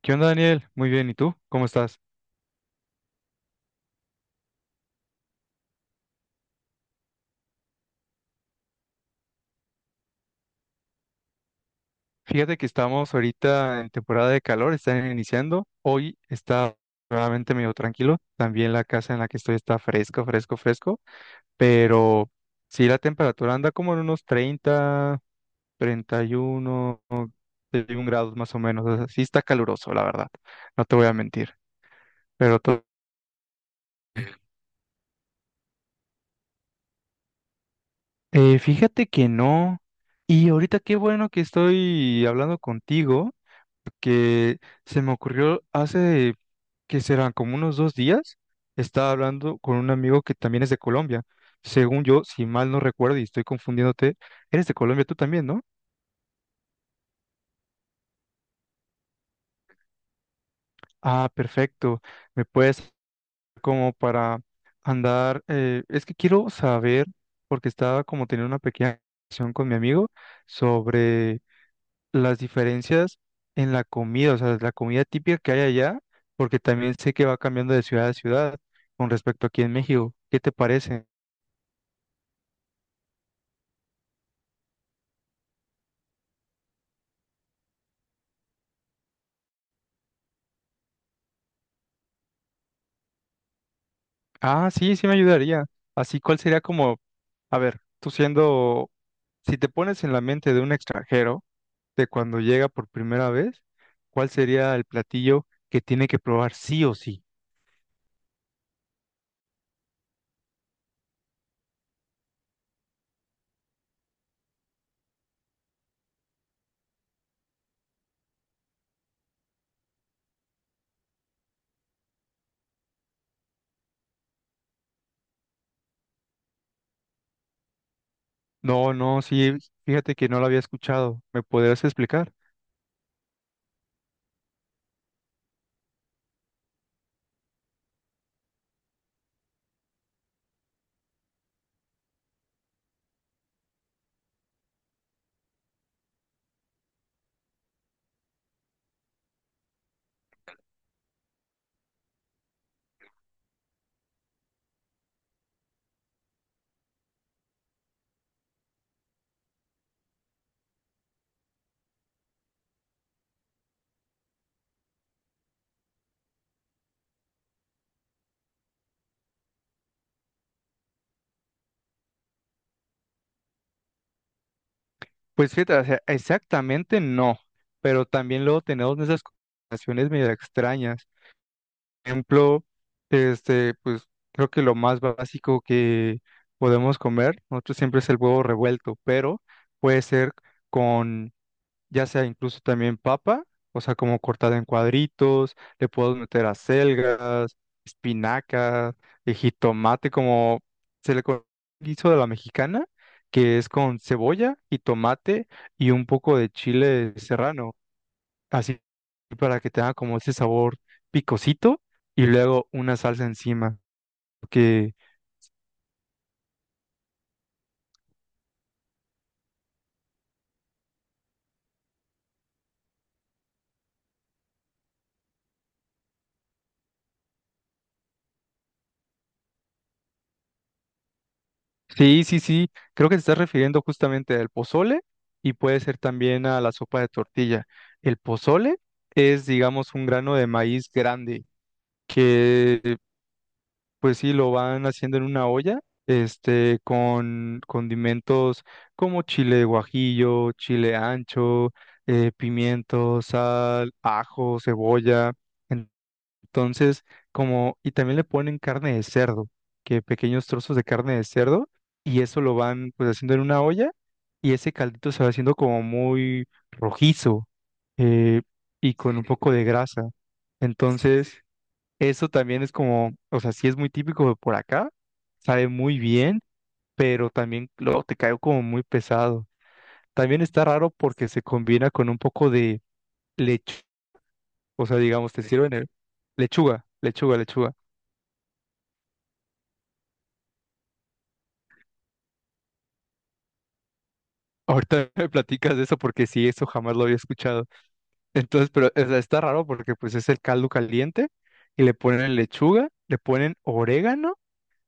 ¿Qué onda, Daniel? Muy bien, ¿y tú? ¿Cómo estás? Fíjate que estamos ahorita en temporada de calor, están iniciando. Hoy está realmente medio tranquilo. También la casa en la que estoy está fresco, fresco, fresco. Pero sí, la temperatura anda como en unos 30, 31, 31 grados más o menos. O sea, sí está caluroso, la verdad. No te voy a mentir. Pero to- Fíjate que no. Y ahorita qué bueno que estoy hablando contigo. Que se me ocurrió hace que serán como unos 2 días, estaba hablando con un amigo que también es de Colombia. Según yo, si mal no recuerdo y estoy confundiéndote, eres de Colombia tú también, ¿no? Ah, perfecto. Me puedes como para andar, es que quiero saber, porque estaba como teniendo una pequeña conversación con mi amigo sobre las diferencias en la comida, o sea, la comida típica que hay allá, porque también sé que va cambiando de ciudad a ciudad con respecto aquí en México. ¿Qué te parece? Ah, sí, sí me ayudaría. Así, cuál sería como, a ver, tú siendo, si te pones en la mente de un extranjero, de cuando llega por primera vez, ¿cuál sería el platillo que tiene que probar sí o sí? No, no, sí, fíjate que no lo había escuchado. ¿Me podrías explicar? Pues fíjate, o sea, exactamente no, pero también luego tenemos esas conversaciones medio extrañas. Por ejemplo, este, pues creo que lo más básico que podemos comer, nosotros siempre es el huevo revuelto, pero puede ser ya sea incluso también papa, o sea, como cortada en cuadritos, le puedo meter acelgas, espinacas, jitomate, como se le conoce guiso de la mexicana, que es con cebolla, jitomate y un poco de chile serrano, así para que tenga como ese sabor picosito y luego una salsa encima, que Sí, sí, sí. Creo que te estás refiriendo justamente al pozole y puede ser también a la sopa de tortilla. El pozole es, digamos, un grano de maíz grande que, pues sí, lo van haciendo en una olla, con condimentos como chile de guajillo, chile ancho, pimiento, sal, ajo, cebolla. Entonces, como, y también le ponen carne de cerdo, que pequeños trozos de carne de cerdo, y eso lo van pues haciendo en una olla, y ese caldito se va haciendo como muy rojizo, eh, y con un poco de grasa. Entonces, eso también es como, o sea, sí es muy típico de por acá, sabe muy bien, pero también luego te cae como muy pesado. También está raro porque se combina con un poco de leche, o sea, digamos, te sirven lechuga, lechuga, lechuga. Ahorita me platicas de eso porque sí, eso jamás lo había escuchado. Entonces, pero o sea, está raro porque pues es el caldo caliente y le ponen lechuga, le ponen orégano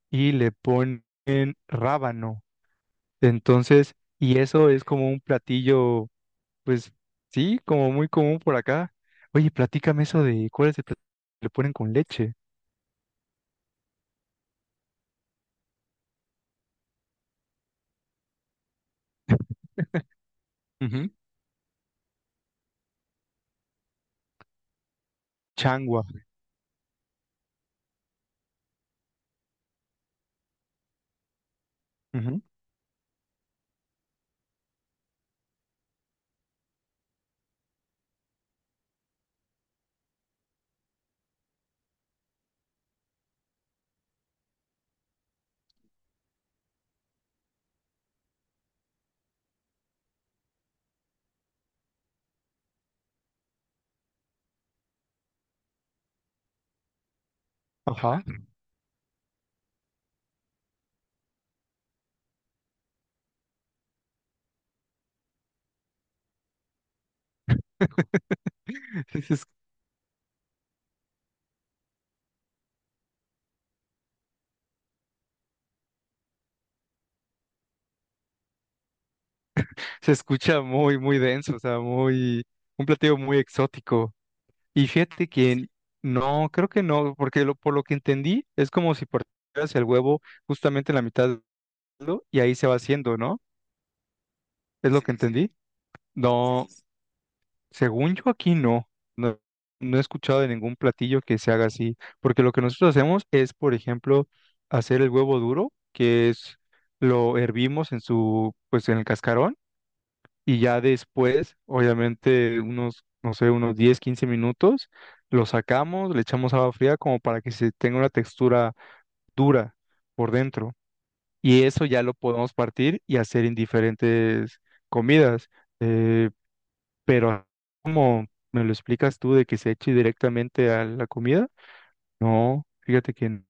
y le ponen rábano. Entonces, y eso es como un platillo, pues sí, como muy común por acá. Oye, platícame eso de cuál es el platillo que le ponen con leche. Ujú. Changua. Ujú. Ajá. Se, es- se escucha muy, muy denso, o sea, muy, un platillo muy exótico. Y fíjate que no, creo que no, porque lo, por lo que entendí es como si partieras el huevo justamente en la mitad, ¿no? Y ahí se va haciendo, ¿no? ¿Es lo Sí, que sí, entendí? Sí, no, sí. Según yo aquí no, no, no he escuchado de ningún platillo que se haga así, porque lo que nosotros hacemos es, por ejemplo, hacer el huevo duro, que es lo hervimos en su, pues en el cascarón y ya después, obviamente, unos, no sé, unos 10 15 minutos, lo sacamos, le echamos agua fría como para que se tenga una textura dura por dentro. Y eso ya lo podemos partir y hacer en diferentes comidas. Eh, pero como me lo explicas tú de que se eche directamente a la comida, no, fíjate que.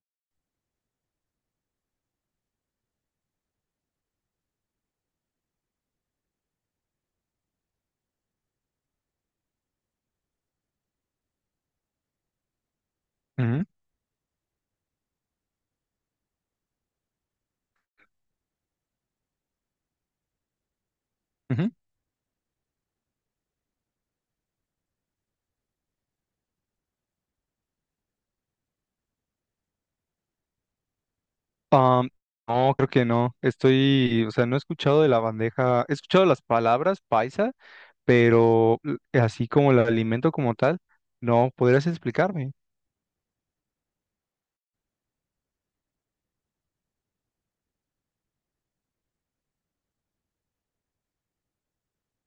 Ujú, ujú. Am, no, creo que no. Estoy, o sea, no he escuchado de la bandeja, he escuchado las palabras paisa pero así como el alimento como tal, no, ¿podrías explicarme?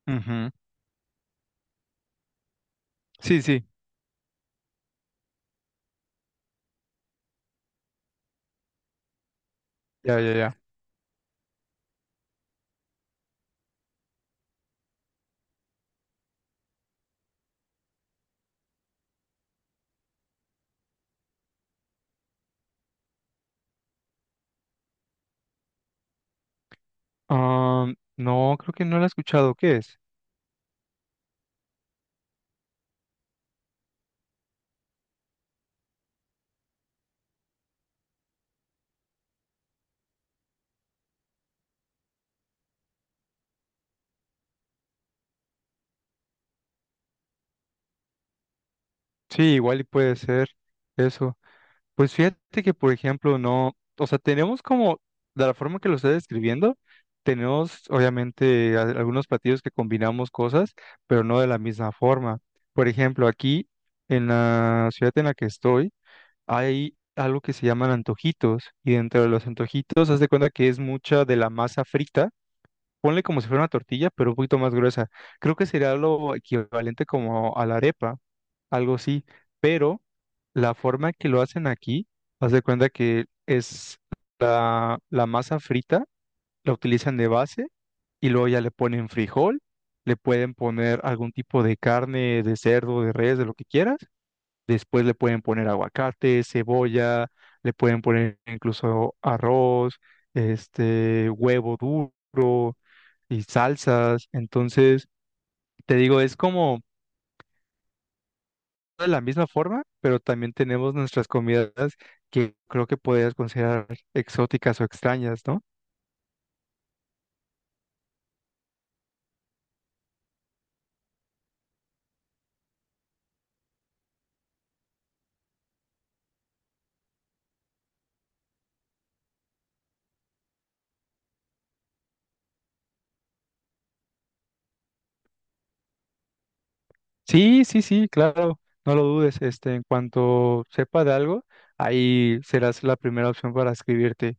Ujú. Sí, sí, ya, ya, ya. Ah, no, creo que no lo he escuchado. ¿Qué es? Sí, igual y puede ser eso. Pues fíjate que, por ejemplo, no, o sea, tenemos como, de la forma que lo estoy describiendo, tenemos obviamente algunos platillos que combinamos cosas, pero no de la misma forma. Por ejemplo, aquí en la ciudad en la que estoy, hay algo que se llaman antojitos y dentro de los antojitos haz de cuenta que es mucha de la masa frita. Ponle como si fuera una tortilla, pero un poquito más gruesa. Creo que sería lo equivalente como a la arepa, algo así, pero la forma que lo hacen aquí, haz de cuenta que es la masa frita, la utilizan de base y luego ya le ponen frijol, le pueden poner algún tipo de carne, de cerdo, de res, de lo que quieras. Después le pueden poner aguacate, cebolla, le pueden poner incluso arroz, huevo duro y salsas. Entonces, te digo, es como de la misma forma, pero también tenemos nuestras comidas que creo que podrías considerar exóticas o extrañas, ¿no? Sí, sí, sí, claro, no lo dudes. En cuanto sepa de algo, ahí serás la primera opción para escribirte.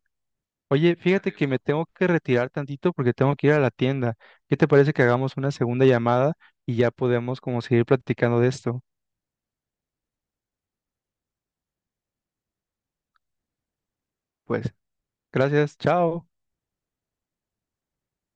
Oye, fíjate que me tengo que retirar tantito porque tengo que ir a la tienda. ¿Qué te parece que hagamos una segunda llamada y ya podemos como seguir platicando de esto? Pues, gracias, chao.